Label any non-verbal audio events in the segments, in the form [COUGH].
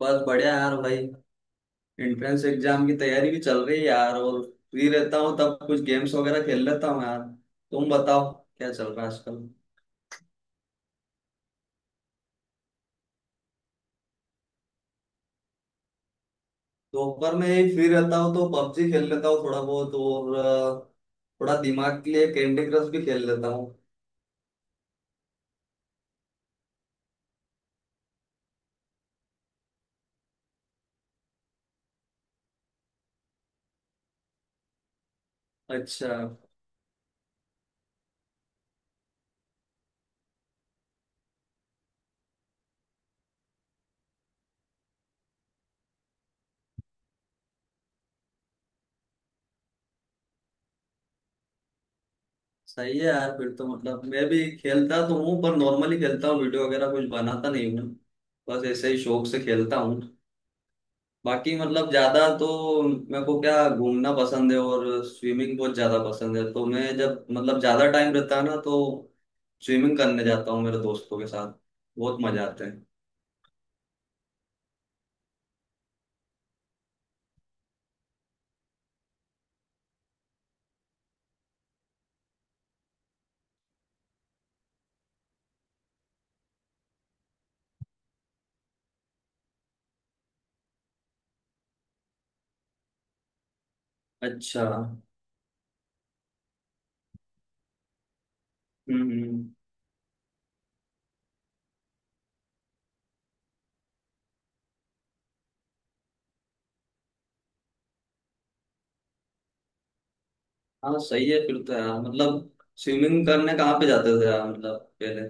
बस बढ़िया यार भाई। एंट्रेंस एग्जाम की तैयारी भी चल रही है यार, और फ्री रहता हूँ तब कुछ गेम्स वगैरह खेल लेता हूँ यार। तुम बताओ क्या चल रहा है आजकल। दोपहर में ही फ्री रहता हूँ तो पबजी खेल लेता हूँ थोड़ा बहुत और थोड़ा दिमाग के लिए कैंडी क्रश भी खेल लेता हूँ। अच्छा। सही है यार, फिर तो मतलब मैं भी खेलता तो हूँ पर नॉर्मली खेलता हूँ, वीडियो वगैरह कुछ बनाता नहीं हूँ। बस ऐसे ही शौक से खेलता हूँ। बाकी मतलब ज्यादा तो मेरे को क्या घूमना पसंद है और स्विमिंग बहुत ज्यादा पसंद है, तो मैं जब मतलब ज्यादा टाइम रहता है ना तो स्विमिंग करने जाता हूँ मेरे दोस्तों के साथ। बहुत मजा आता है। अच्छा। हम्म। हम्म। हाँ सही है फिर तो यार मतलब। स्विमिंग करने कहाँ पे जाते थे यार मतलब पहले।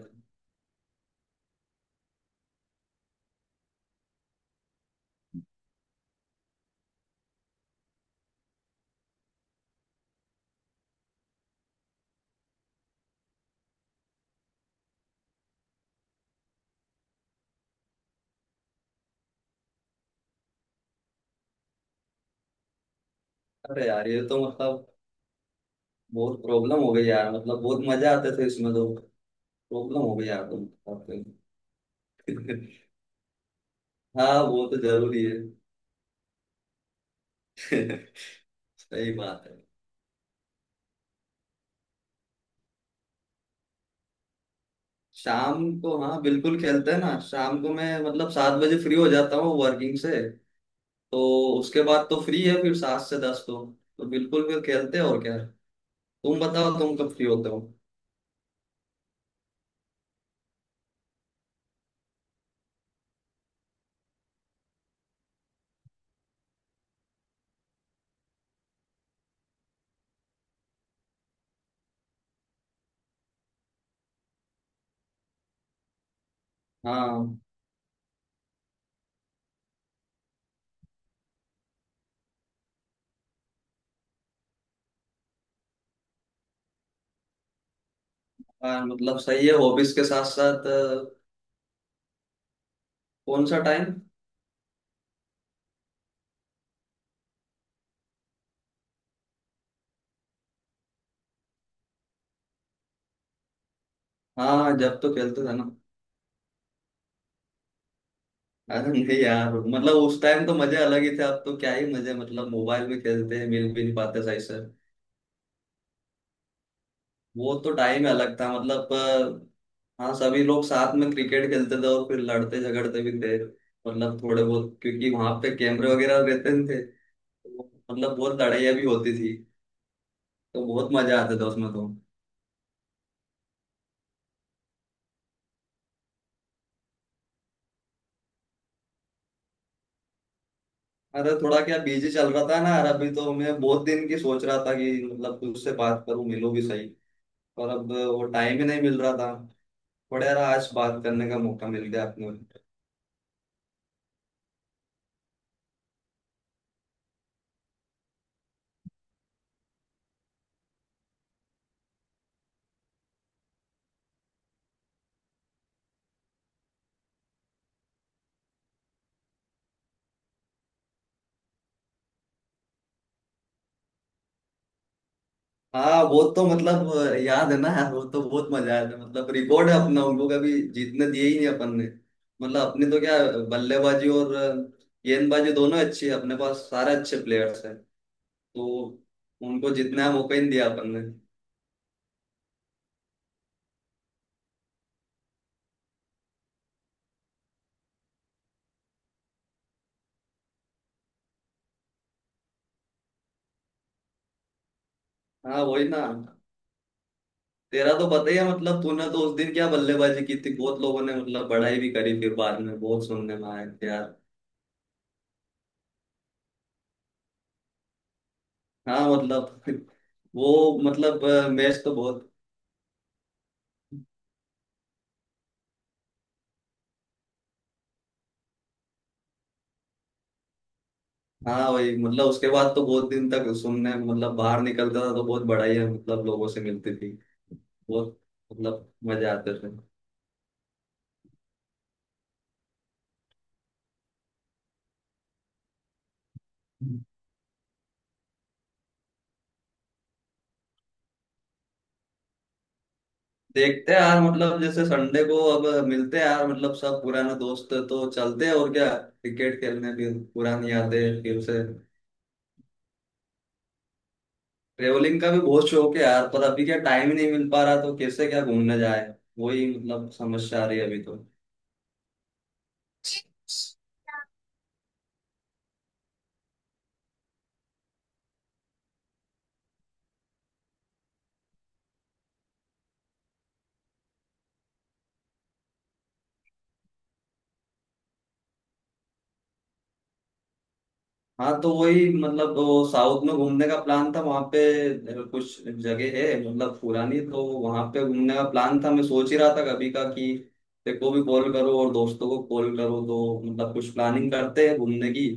अरे यार ये तो मतलब बहुत प्रॉब्लम हो गई यार, मतलब बहुत मजा आते थे इसमें तो। प्रॉब्लम हो गई यार तुम। [LAUGHS] हाँ वो तो जरूरी है। [LAUGHS] सही बात है। शाम को हाँ बिल्कुल खेलते हैं ना। शाम को मैं मतलब सात बजे फ्री हो जाता हूँ वर्किंग से, तो उसके बाद तो फ्री है फिर सात से दस तो बिल्कुल फिर खेलते हैं। और क्या है, तुम बताओ तुम कब फ्री होते हो। हाँ। हाँ मतलब सही है, हॉबीज के साथ साथ कौन सा टाइम। हाँ जब तो खेलते थे ना। अरे नहीं यार, मतलब उस टाइम तो मजे अलग ही थे, अब तो क्या ही मजे मतलब मोबाइल में खेलते हैं, मिल भी नहीं पाते सही से। वो तो टाइम अलग था मतलब। हाँ सभी लोग साथ में क्रिकेट खेलते थे और फिर लड़ते झगड़ते भी थे मतलब थोड़े बहुत, क्योंकि वहां पे कैमरे वगैरह रहते नहीं थे, तो मतलब बहुत लड़ाइयाँ भी होती थी। तो बहुत मजा आते थे उसमें तो। अरे थोड़ा क्या बिजी चल रहा था ना यार, अभी तो मैं बहुत दिन की सोच रहा था कि मतलब तुझसे बात करूं, मिलूं भी सही, पर अब वो टाइम ही नहीं मिल रहा था। थोड़ा यार आज बात करने का मौका मिल गया अपने। हाँ वो तो मतलब याद है ना यार, वो तो बहुत मजा आया था, मतलब रिकॉर्ड है अपना, उनको कभी जीतने दिए ही नहीं अपन ने। मतलब अपने तो क्या बल्लेबाजी और गेंदबाजी दोनों अच्छी है, अपने पास सारे अच्छे प्लेयर्स हैं तो उनको जितना मौका ही नहीं दिया अपन ने। हाँ वही ना। तेरा तो पता ही है मतलब, तूने तो उस दिन क्या बल्लेबाजी की थी, बहुत लोगों ने मतलब बड़ाई भी करी, फिर बाद में बहुत सुनने में आया कि यार। हाँ मतलब [LAUGHS] वो मतलब मैच तो बहुत। हाँ वही मतलब उसके बाद तो बहुत दिन तक सुनने, मतलब बाहर निकलता था तो बहुत बड़ा ही है, मतलब लोगों से मिलती थी। बहुत मतलब मजे आते थे। देखते हैं यार, मतलब जैसे संडे को अब मिलते हैं यार, मतलब सब पुराने दोस्त तो चलते हैं और क्या क्रिकेट खेलने भी, पुरानी यादें फिर से। ट्रेवलिंग का भी बहुत शौक है यार, पर अभी क्या टाइम ही नहीं मिल पा रहा, तो कैसे क्या घूमने जाए। वही मतलब समस्या आ रही है अभी तो। हाँ तो वही मतलब वो साउथ में घूमने का प्लान था, वहां पे कुछ जगह है मतलब पुरानी, तो वहां पे घूमने का प्लान था। मैं सोच ही रहा था कभी का कि देखो भी कॉल करो और दोस्तों को कॉल करो तो मतलब कुछ प्लानिंग करते हैं घूमने की।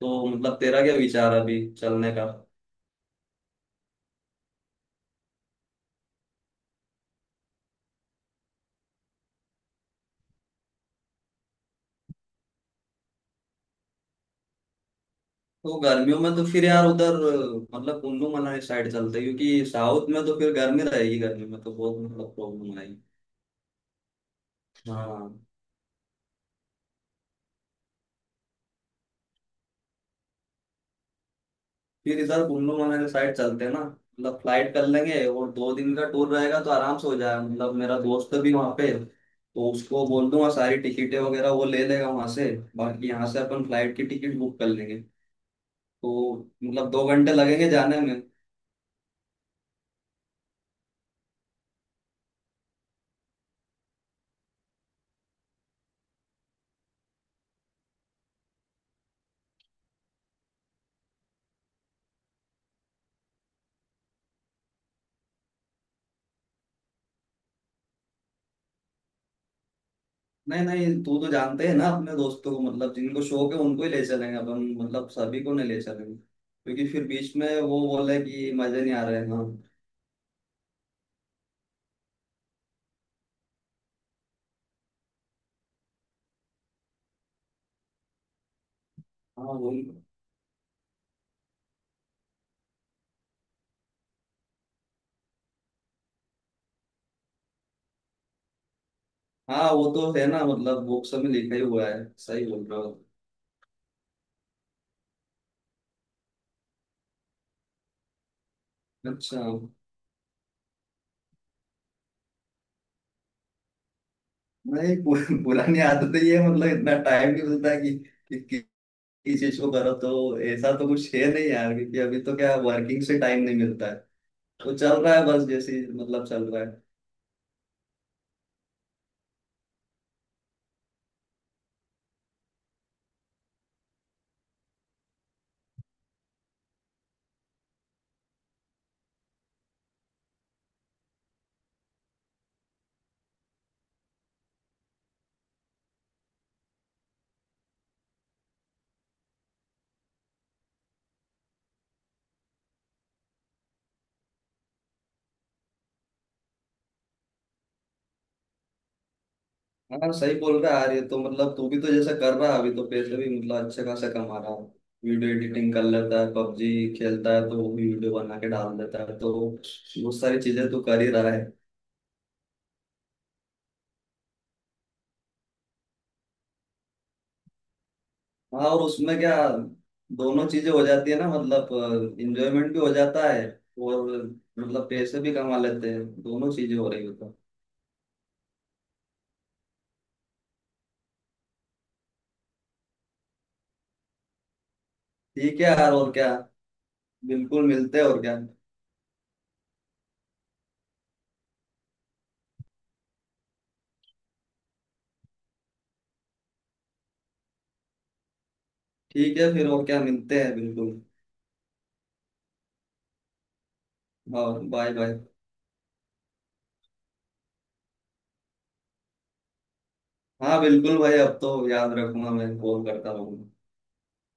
तो मतलब तेरा क्या विचार है अभी चलने का। तो गर्मियों में तो फिर यार उधर मतलब कुल्लू मनाली साइड चलते हैं, क्योंकि साउथ में तो फिर गर्मी रहेगी, गर्मी में तो बहुत मतलब प्रॉब्लम आएगी। हाँ। फिर इधर कुल्लू मनाली साइड चलते हैं ना, मतलब फ्लाइट कर लेंगे और दो दिन का टूर रहेगा तो आराम से हो जाएगा। मतलब मेरा दोस्त भी वहाँ पे, तो उसको बोल दूंगा सारी टिकटें वगैरह वो ले लेगा वहाँ से। बाकी यहाँ से अपन फ्लाइट की टिकट बुक कर लेंगे तो मतलब दो घंटे लगेंगे जाने में। नहीं नहीं, तू तो जानते हैं ना अपने दोस्तों को, मतलब जिनको शौक है उनको ही ले चलेंगे अपन, मतलब सभी को नहीं ले चलेंगे क्योंकि फिर बीच में वो बोले कि मजे नहीं आ रहे हैं। हाँ। हाँ वो हाँ वो तो है ना, मतलब बुक्स में लिखा ही हुआ है, सही बोल रहे हो। अच्छा। नहीं, पुरानी आदत ही है, मतलब इतना टाइम नहीं मिलता कि कि कि- किस चीज को करो, तो ऐसा तो कुछ है नहीं यार, क्योंकि अभी तो क्या वर्किंग से टाइम नहीं मिलता है तो चल रहा है बस, जैसे मतलब चल रहा है। हाँ सही बोल रहा है यार, ये तो मतलब तू भी तो जैसा कर रहा है अभी, तो पैसे भी मतलब अच्छे खासा कमा रहा है। वीडियो एडिटिंग कर लेता है, पबजी खेलता है तो वो भी वीडियो बना के डाल देता है, तो बहुत सारी चीजें तू कर ही रहा है। हाँ और उसमें क्या, दोनों चीजें हो जाती है ना, मतलब इंजॉयमेंट भी हो जाता है और मतलब पैसे भी कमा लेते हैं, दोनों चीजें हो रही हो तो। ठीक है यार और क्या। बिल्कुल मिलते हैं और क्या। ठीक है फिर, और क्या, मिलते हैं बिल्कुल। हाँ बाय बाय। हाँ बिल्कुल भाई, अब तो याद रखूंगा, मैं कॉल करता रहूंगा।